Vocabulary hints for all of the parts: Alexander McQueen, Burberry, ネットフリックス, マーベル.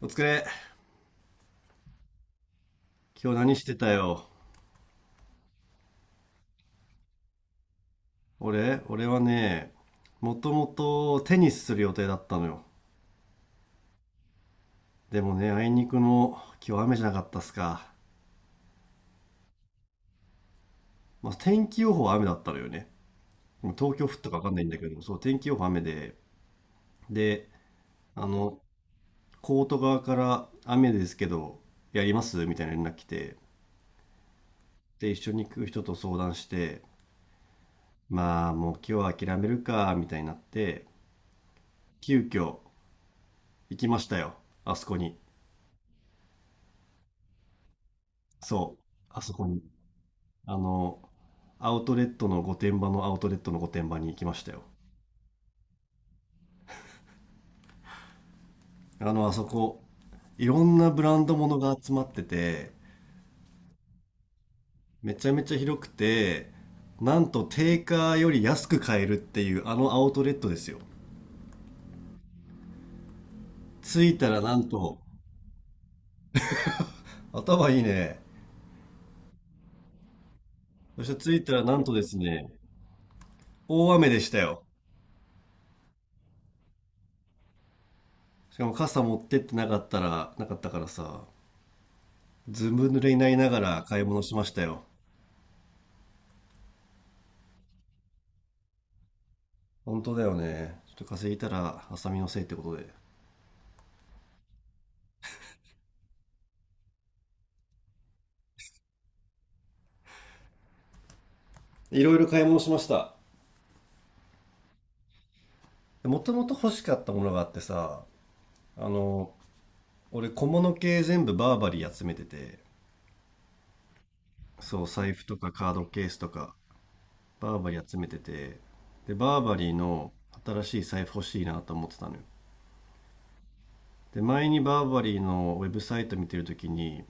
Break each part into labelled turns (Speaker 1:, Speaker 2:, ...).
Speaker 1: お疲れ。今日何してたよ。俺はね、もともとテニスする予定だったのよ。でもね、あいにくの今日雨じゃなかったっすか。まあ、天気予報は雨だったのよね。東京降ったかわかんないんだけど、そう、天気予報雨で、で、あの、コート側から雨ですけど、やりますみたいな連絡来て、で、一緒に行く人と相談して、まあ、もう今日は諦めるか、みたいになって、急遽行きましたよ。あそこに。そう、あそこに。あの、アウトレットの御殿場のアウトレットの御殿場に行きましたよ。あそこ、いろんなブランド物が集まってて、めちゃめちゃ広くて、なんと定価より安く買えるっていうあのアウトレットですよ。着いたらなんと、頭いいね。そして着いたらなんとですね、大雨でしたよ。しかも傘持ってってなかったら、なかったからさ、ずぶ濡れになりながら買い物しましたよ。本当だよね。ちょっと風邪ひいたら、浅見のせいってことで。いろいろ買い物しました。もともと欲しかったものがあってさ、あの、俺小物系全部バーバリー集めてて、そう、財布とかカードケースとか、バーバリー集めてて、で、バーバリーの新しい財布欲しいなと思ってたのよ。で、前にバーバリーのウェブサイト見てるときに、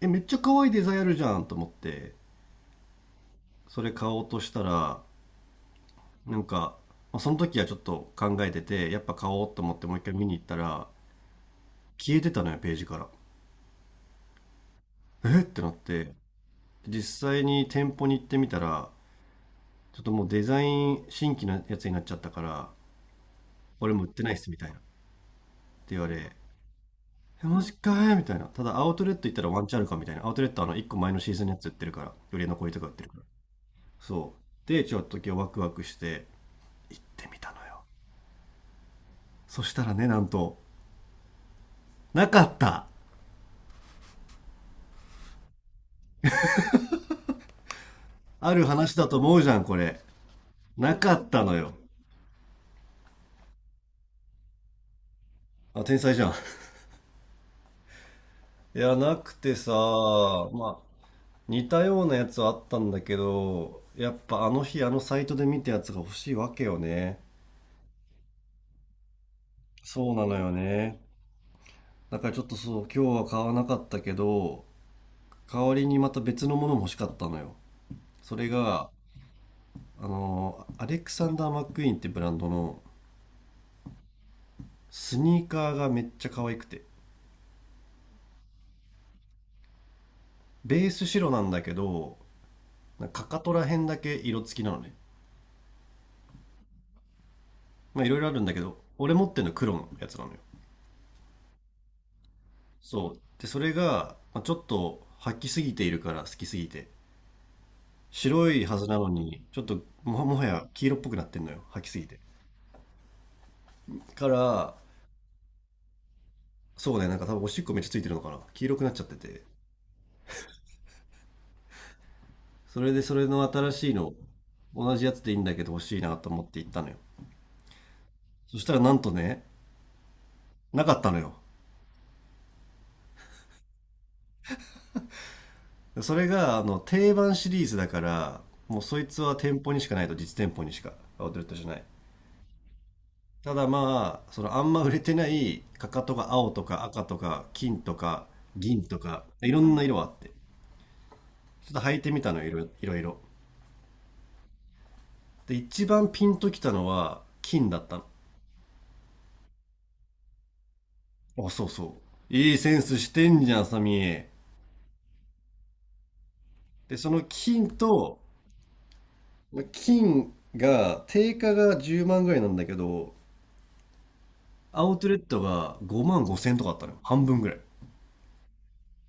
Speaker 1: え、めっちゃ可愛いデザインあるじゃんと思って、それ買おうとしたら、なんか、その時はちょっと考えてて、やっぱ買おうと思ってもう一回見に行ったら、消えてたのよ、ページから。えってなって、実際に店舗に行ってみたら、ちょっともうデザイン新規のやつになっちゃったから、俺も売ってないっすみたいな。って言われ、え、マジかえみたいな。ただアウトレット行ったらワンチャンあるかみたいな。アウトレットはあの1個前のシーズンのやつ売ってるから、売れ残りとか売ってるから。そう。で、ちょっと今日ワクワクして行ってみたのよ。そしたらね、なんと、なかった。ある話だと思うじゃん、これ。なかったのよ。あ、天才じゃん。いや、なくてさ、まあ、似たようなやつはあったんだけど、やっぱあの日あのサイトで見たやつが欲しいわけよね。そうなのよね。だからちょっとそう、今日は買わなかったけど、代わりにまた別のものも欲しかったのよ。それが、アレクサンダー・マックイーンってブランドのスニーカーがめっちゃ可愛くて。ベース白なんだけど、なんかかかとら辺だけ色付きなのね。まあいろいろあるんだけど、俺持ってるの黒のやつなのよ。そう。で、それが、まあ、ちょっと吐きすぎているから、好きすぎて。白いはずなのに、ちょっとも、もはや黄色っぽくなってんのよ。吐きすぎて。から、そうね、なんか多分おしっこめっちゃついてるのかな。黄色くなっちゃってて。それで、それの新しいの、同じやつでいいんだけど欲しいなと思って行ったのよ。そしたらなんとね、なかったのよ。それが、定番シリーズだから、もうそいつは店舗にしかないと、実店舗にしか。アウトレットじゃない。ただまあ、そのあんま売れてないかかとが青とか赤とか金とか銀とかいろんな色あって、ちょっと履いてみたのよいろいろ。で、一番ピンときたのは金だったの。あ、そうそう。いいセンスしてんじゃん、サミー。で、その金と、まあ金が定価が10万ぐらいなんだけど、アウトレットが5万5千とかあったのよ。半分ぐらい。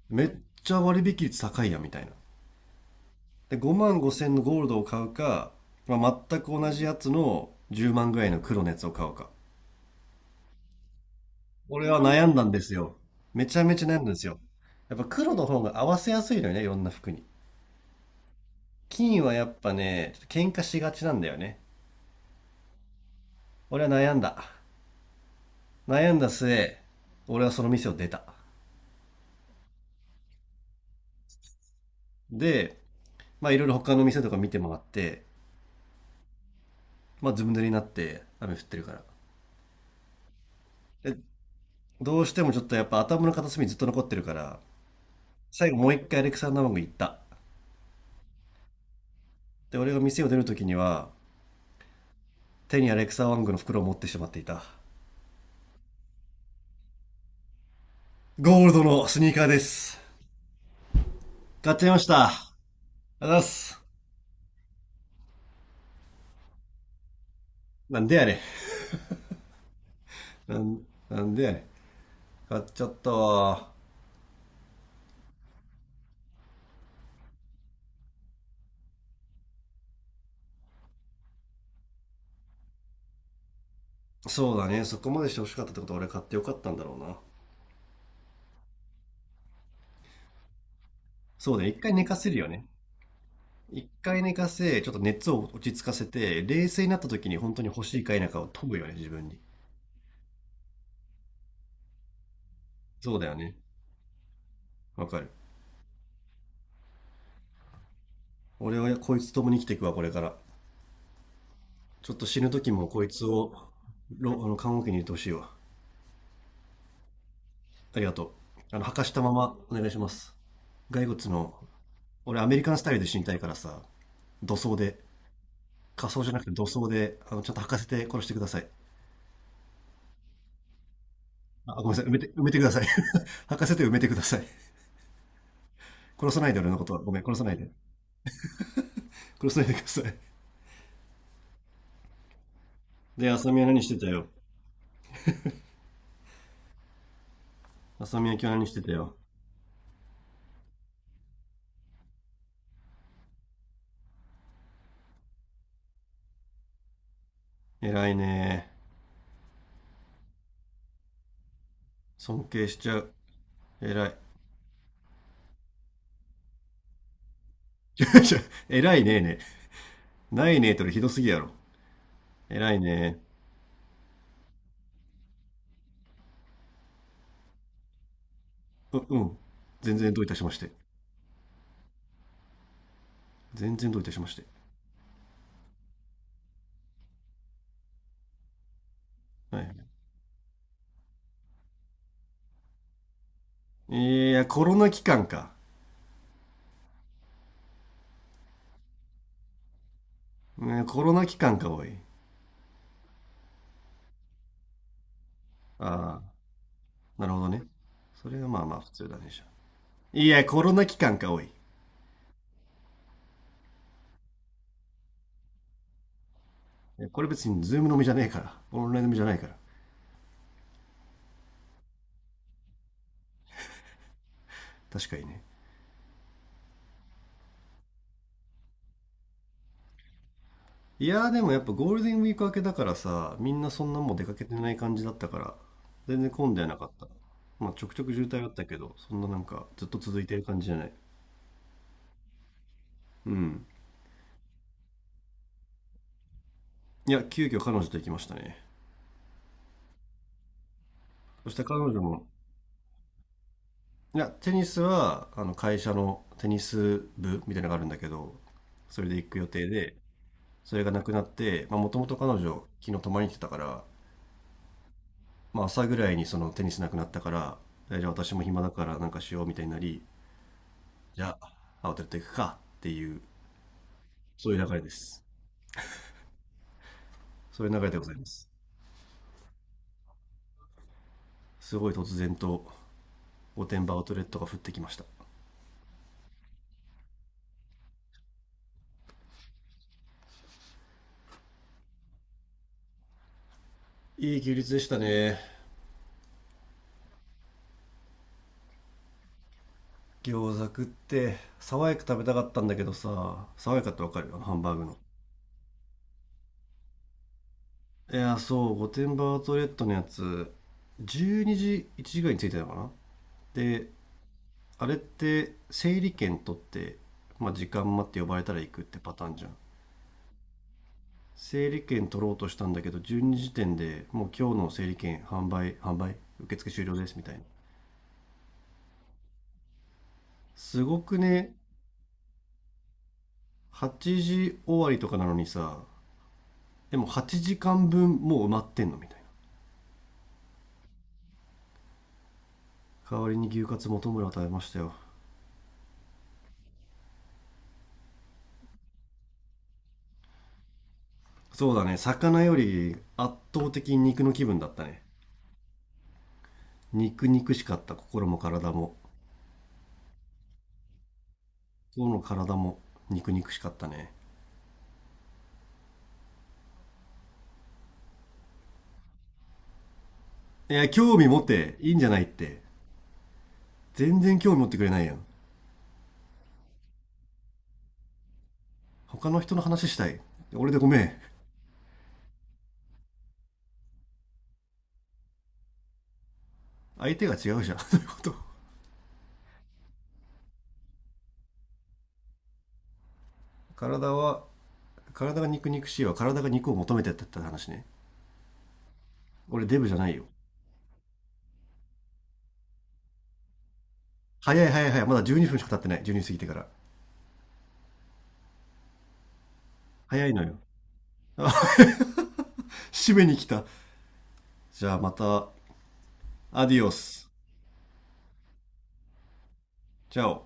Speaker 1: めっちゃ割引率高いやんみたいな。で5万5千のゴールドを買うか、まあ、全く同じやつの10万ぐらいの黒のやつを買うか、俺は悩んだんですよ。めちゃめちゃ悩んだんですよ。やっぱ黒の方が合わせやすいのよね、いろんな服に。金はやっぱねちょっと喧嘩しがちなんだよね。俺は悩んだ。悩んだ末、俺はその店を出た。で、まあいろいろ他の店とか見て回って、まあずぶ濡れになって雨降ってるから、で、どうしてもちょっとやっぱ頭の片隅にずっと残ってるから、最後もう一回アレクサンダーマンゴー行った。で、俺が店を出る時には、手にアレクサワングの袋を持ってしまっていた。ゴールドのスニーカーです。買っちゃいました、ありがとうございます。なんでやれ。なんなんでやれ、買っちゃったわ。そうだね、そこまでして欲しかったってことは、俺買ってよかったんだろうな。そうだね、一回寝かせるよね。一回寝かせちょっと熱を落ち着かせて冷静になった時に、本当に欲しいか否かを問うよね、自分に。そうだよね、わかる。俺はこいつともに生きていくわ、これから。ちょっと死ぬ時もこいつをあの看護機に入れてほしいわ。ありがとう。あの、履かしたままお願いします。骸骨の、俺アメリカンスタイルで死にたいからさ、土葬で、仮装じゃなくて土葬で、あの、ちゃんと履かせて殺してください。あ、ごめんなさい。埋めてください。履かせて埋めてください。殺さないで俺のことは。ごめん、殺さないで。殺さないでください。で、浅見は何してたよ。浅見は今日何してたよ。偉いねー、尊敬しちゃう。偉い。ちょちょ偉いねーね、ないねえとりひどすぎやろ。偉いねー、うん。全然どういたしまして。全然どういたしまして。はい。いや、コロナ期間か。ね、コロナ期間か、おい。ああ、なるほどね。それがまあまあ普通だね、じゃあ。いや、コロナ期間か、おい。いやこれ別にズーム飲みじゃねえから。オンライン飲みじゃないから。確かにね。いや、でもやっぱゴールデンウィーク明けだからさ、みんなそんなもう出かけてない感じだったから、全然混んではなかった。まあちょくちょく渋滞あったけど、そんななんかずっと続いてる感じじゃない。うん。いや、急遽彼女と行きましたね。そして彼女も、いやテニスはあの会社のテニス部みたいなのがあるんだけど、それで行く予定で、それがなくなって、もともと彼女昨日泊まりに来てたから、まあ、朝ぐらいにそのテニスなくなったから、えじゃあ私も暇だからなんかしようみたいになり、じゃあアウトレット行くかっていう、そういう流れです。そういう流れでございます。すごい突然と御殿場アウトレットが降ってきました。いい休日でしたね。餃子食って爽やか食べたかったんだけどさ、爽やかってわかる、あのハンバーグの。いや、そう、御殿場アウトレットのやつ、12時、1時ぐらいに着いたのかな。で、あれって、整理券取って、まあ、時間待って呼ばれたら行くってパターンじゃん。整理券取ろうとしたんだけど、12時点でもう今日の整理券販売、受付終了ですみたいな。すごくね、8時終わりとかなのにさ、でも8時間分もう埋まってんのみたいな。代わりに牛カツ元村を食べましたよ。そうだね、魚より圧倒的に肉の気分だったね。肉肉しかった、心も体も。今日の体も肉肉しかったね。いや、興味持っていいんじゃないって。全然興味持ってくれないやん。他の人の話したい。俺でごめん。相手が違うじゃん。そういうこと。体は、体が肉肉しいわ。体が肉を求めてたって話ね。俺デブじゃないよ。早い早い早い。まだ12分しか経ってない。12過ぎてから。早いのよ。あ、締めに来た。じゃあまた、アディオス。チャオ。